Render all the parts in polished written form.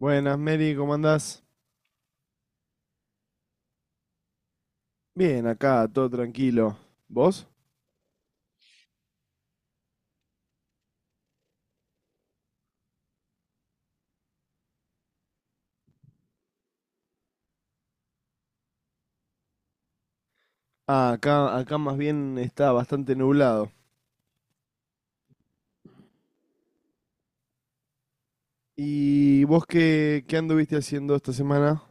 Buenas, Mary, ¿cómo andás? Bien, acá, todo tranquilo. ¿Vos? Ah, acá más bien está bastante nublado. ¿Y vos qué anduviste haciendo esta semana?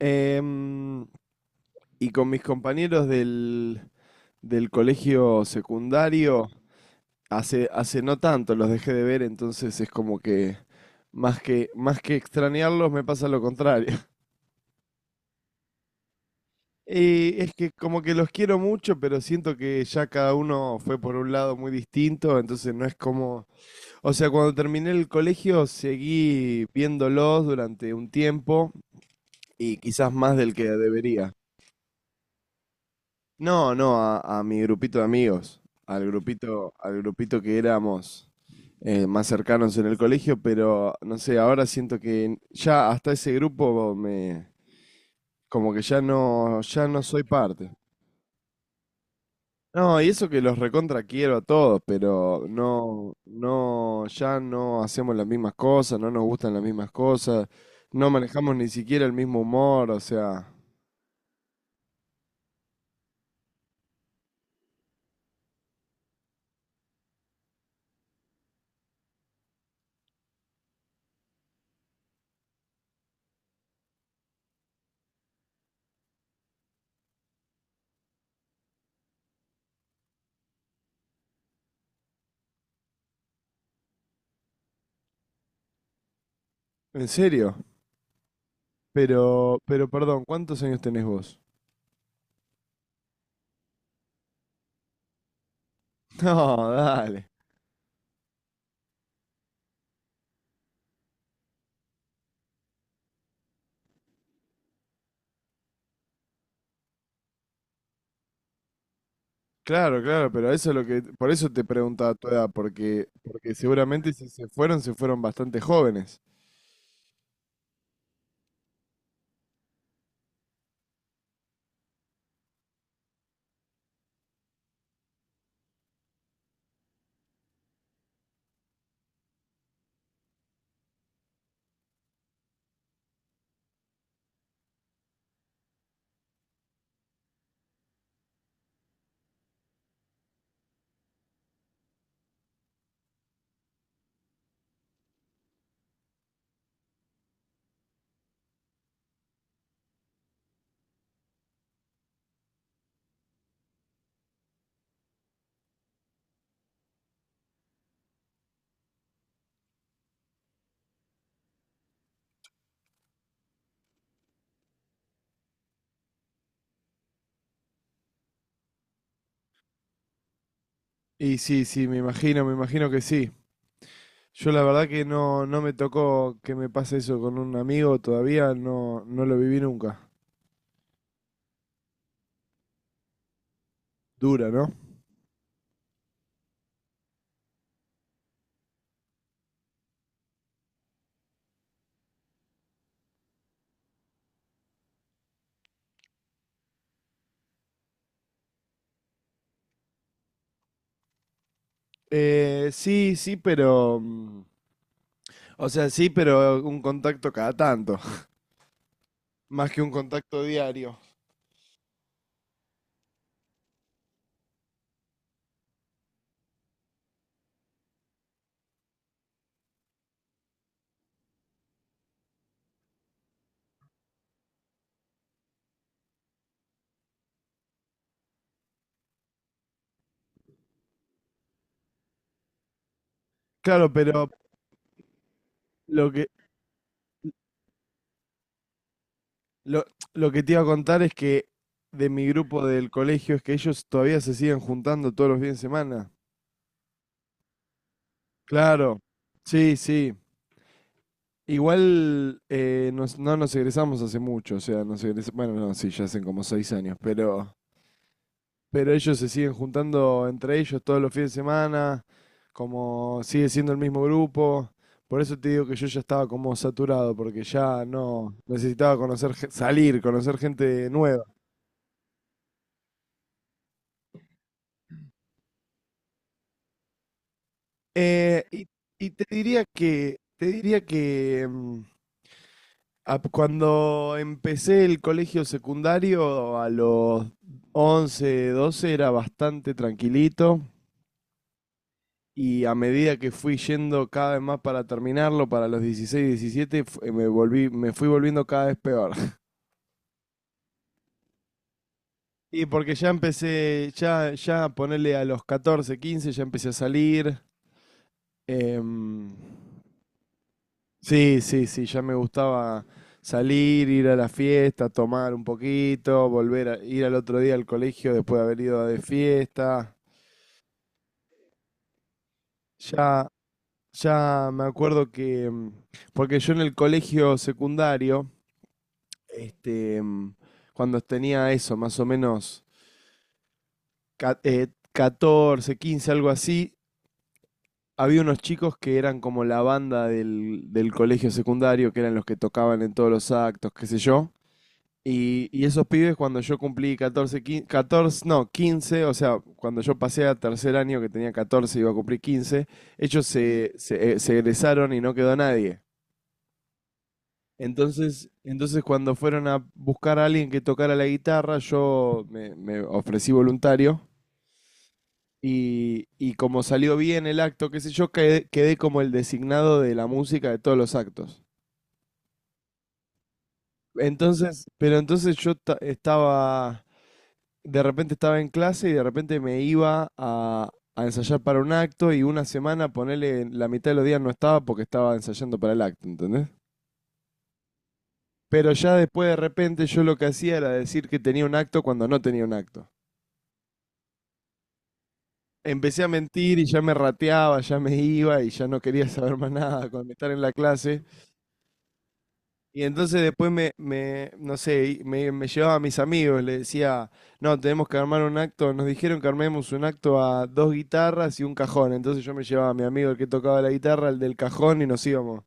Em, y con mis compañeros del colegio secundario, hace no tanto los dejé de ver, entonces es como que más que extrañarlos me pasa lo contrario. Y es que como que los quiero mucho, pero siento que ya cada uno fue por un lado muy distinto, entonces no es como. O sea, cuando terminé el colegio seguí viéndolos durante un tiempo y quizás más del que debería. No, no, a mi grupito de amigos, al grupito que éramos más cercanos en el colegio, pero no sé, ahora siento que ya hasta ese grupo me, como que ya no soy parte. No, y eso que los recontra quiero a todos, pero no, no, ya no hacemos las mismas cosas, no nos gustan las mismas cosas, no manejamos ni siquiera el mismo humor, o sea, en serio. Pero perdón, ¿cuántos años tenés vos? No, dale. Claro, claro, pero eso es lo que, por eso te preguntaba tu edad, porque seguramente si se fueron, se fueron bastante jóvenes. Y sí, sí, me imagino que sí. Yo la verdad que no, no me tocó que me pase eso con un amigo todavía, no, no lo viví nunca. Dura, ¿no? Sí, sí, pero, o sea, sí, pero un contacto cada tanto, más que un contacto diario. Claro, pero lo que, lo, lo que te iba a contar es que de mi grupo del colegio es que ellos todavía se siguen juntando todos los fines de semana. Claro, sí, sí. Igual no nos egresamos hace mucho, o sea, bueno, no, sí, ya hacen como 6 años, pero ellos se siguen juntando entre ellos todos los fines de semana, como sigue siendo el mismo grupo. Por eso te digo que yo ya estaba como saturado, porque ya no necesitaba salir, conocer gente nueva. Eh, y, y te diría que, cuando empecé el colegio secundario, a los 11, 12 era bastante tranquilito y a medida que fui yendo cada vez más para terminarlo, para los 16, 17 me fui volviendo cada vez peor. Y porque ya ponerle a los 14, 15 ya empecé a salir. em, Sí, sí, sí, ya me gustaba salir, ir a la fiesta, tomar un poquito, volver a ir al otro día al colegio después de haber ido de fiesta. Ya, ya me acuerdo que, porque yo en el colegio secundario, este, cuando tenía eso, más o menos 14, 15, algo así, había unos chicos que eran como la banda del colegio secundario, que eran los que tocaban en todos los actos, qué sé yo. Y esos pibes cuando yo cumplí 14, 15, 14, no, 15, o sea, cuando yo pasé a tercer año que tenía 14 iba a cumplir 15, ellos se egresaron y no quedó nadie. Entonces, cuando fueron a buscar a alguien que tocara la guitarra, yo me ofrecí voluntario y como salió bien el acto, qué sé yo, quedé como el designado de la música de todos los actos. Pero entonces yo estaba. De repente estaba en clase y de repente me iba a, ensayar para un acto y una semana, ponele, la mitad de los días no estaba porque estaba ensayando para el acto, ¿entendés? Pero ya después de repente yo lo que hacía era decir que tenía un acto cuando no tenía un acto. Empecé a mentir y ya me rateaba, ya me iba y ya no quería saber más nada con estar en la clase. Y entonces después me no sé, y me llevaba a mis amigos, le decía, no, tenemos que armar un acto, nos dijeron que armemos un acto a dos guitarras y un cajón. Entonces yo me llevaba a mi amigo el que tocaba la guitarra, el del cajón, y nos íbamos.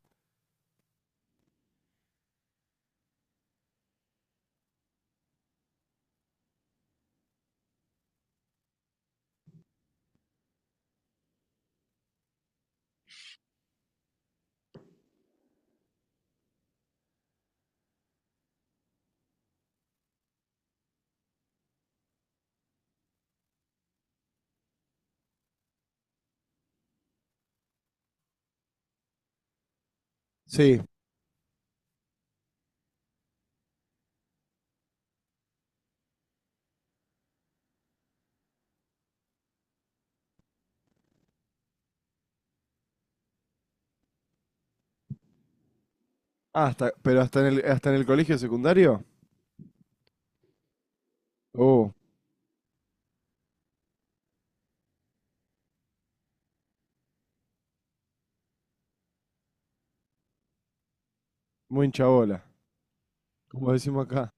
Sí. Ah, pero hasta en el colegio secundario. Oh, muy hincha bola, como decimos acá.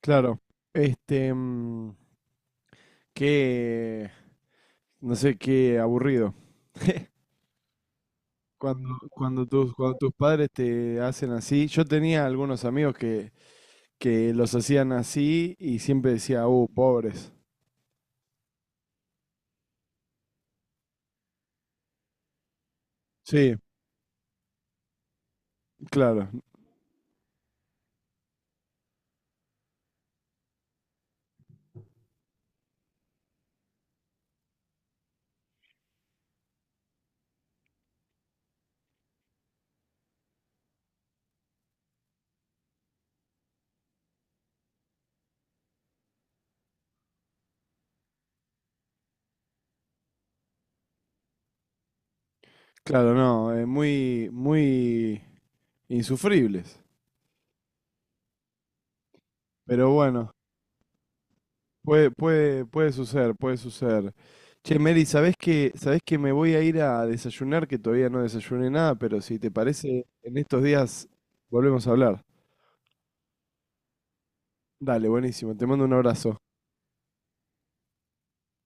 Claro. Este, qué, no sé, qué aburrido. Cuando tus padres te hacen así, yo tenía algunos amigos que los hacían así y siempre decía, pobres. Sí, claro, claro, no, muy, muy insufribles. Pero bueno, puede suceder. Che, Mary, ¿sabés que me voy a ir a desayunar, que todavía no desayuné nada, pero si te parece, en estos días volvemos a hablar. Dale, buenísimo, te mando un abrazo.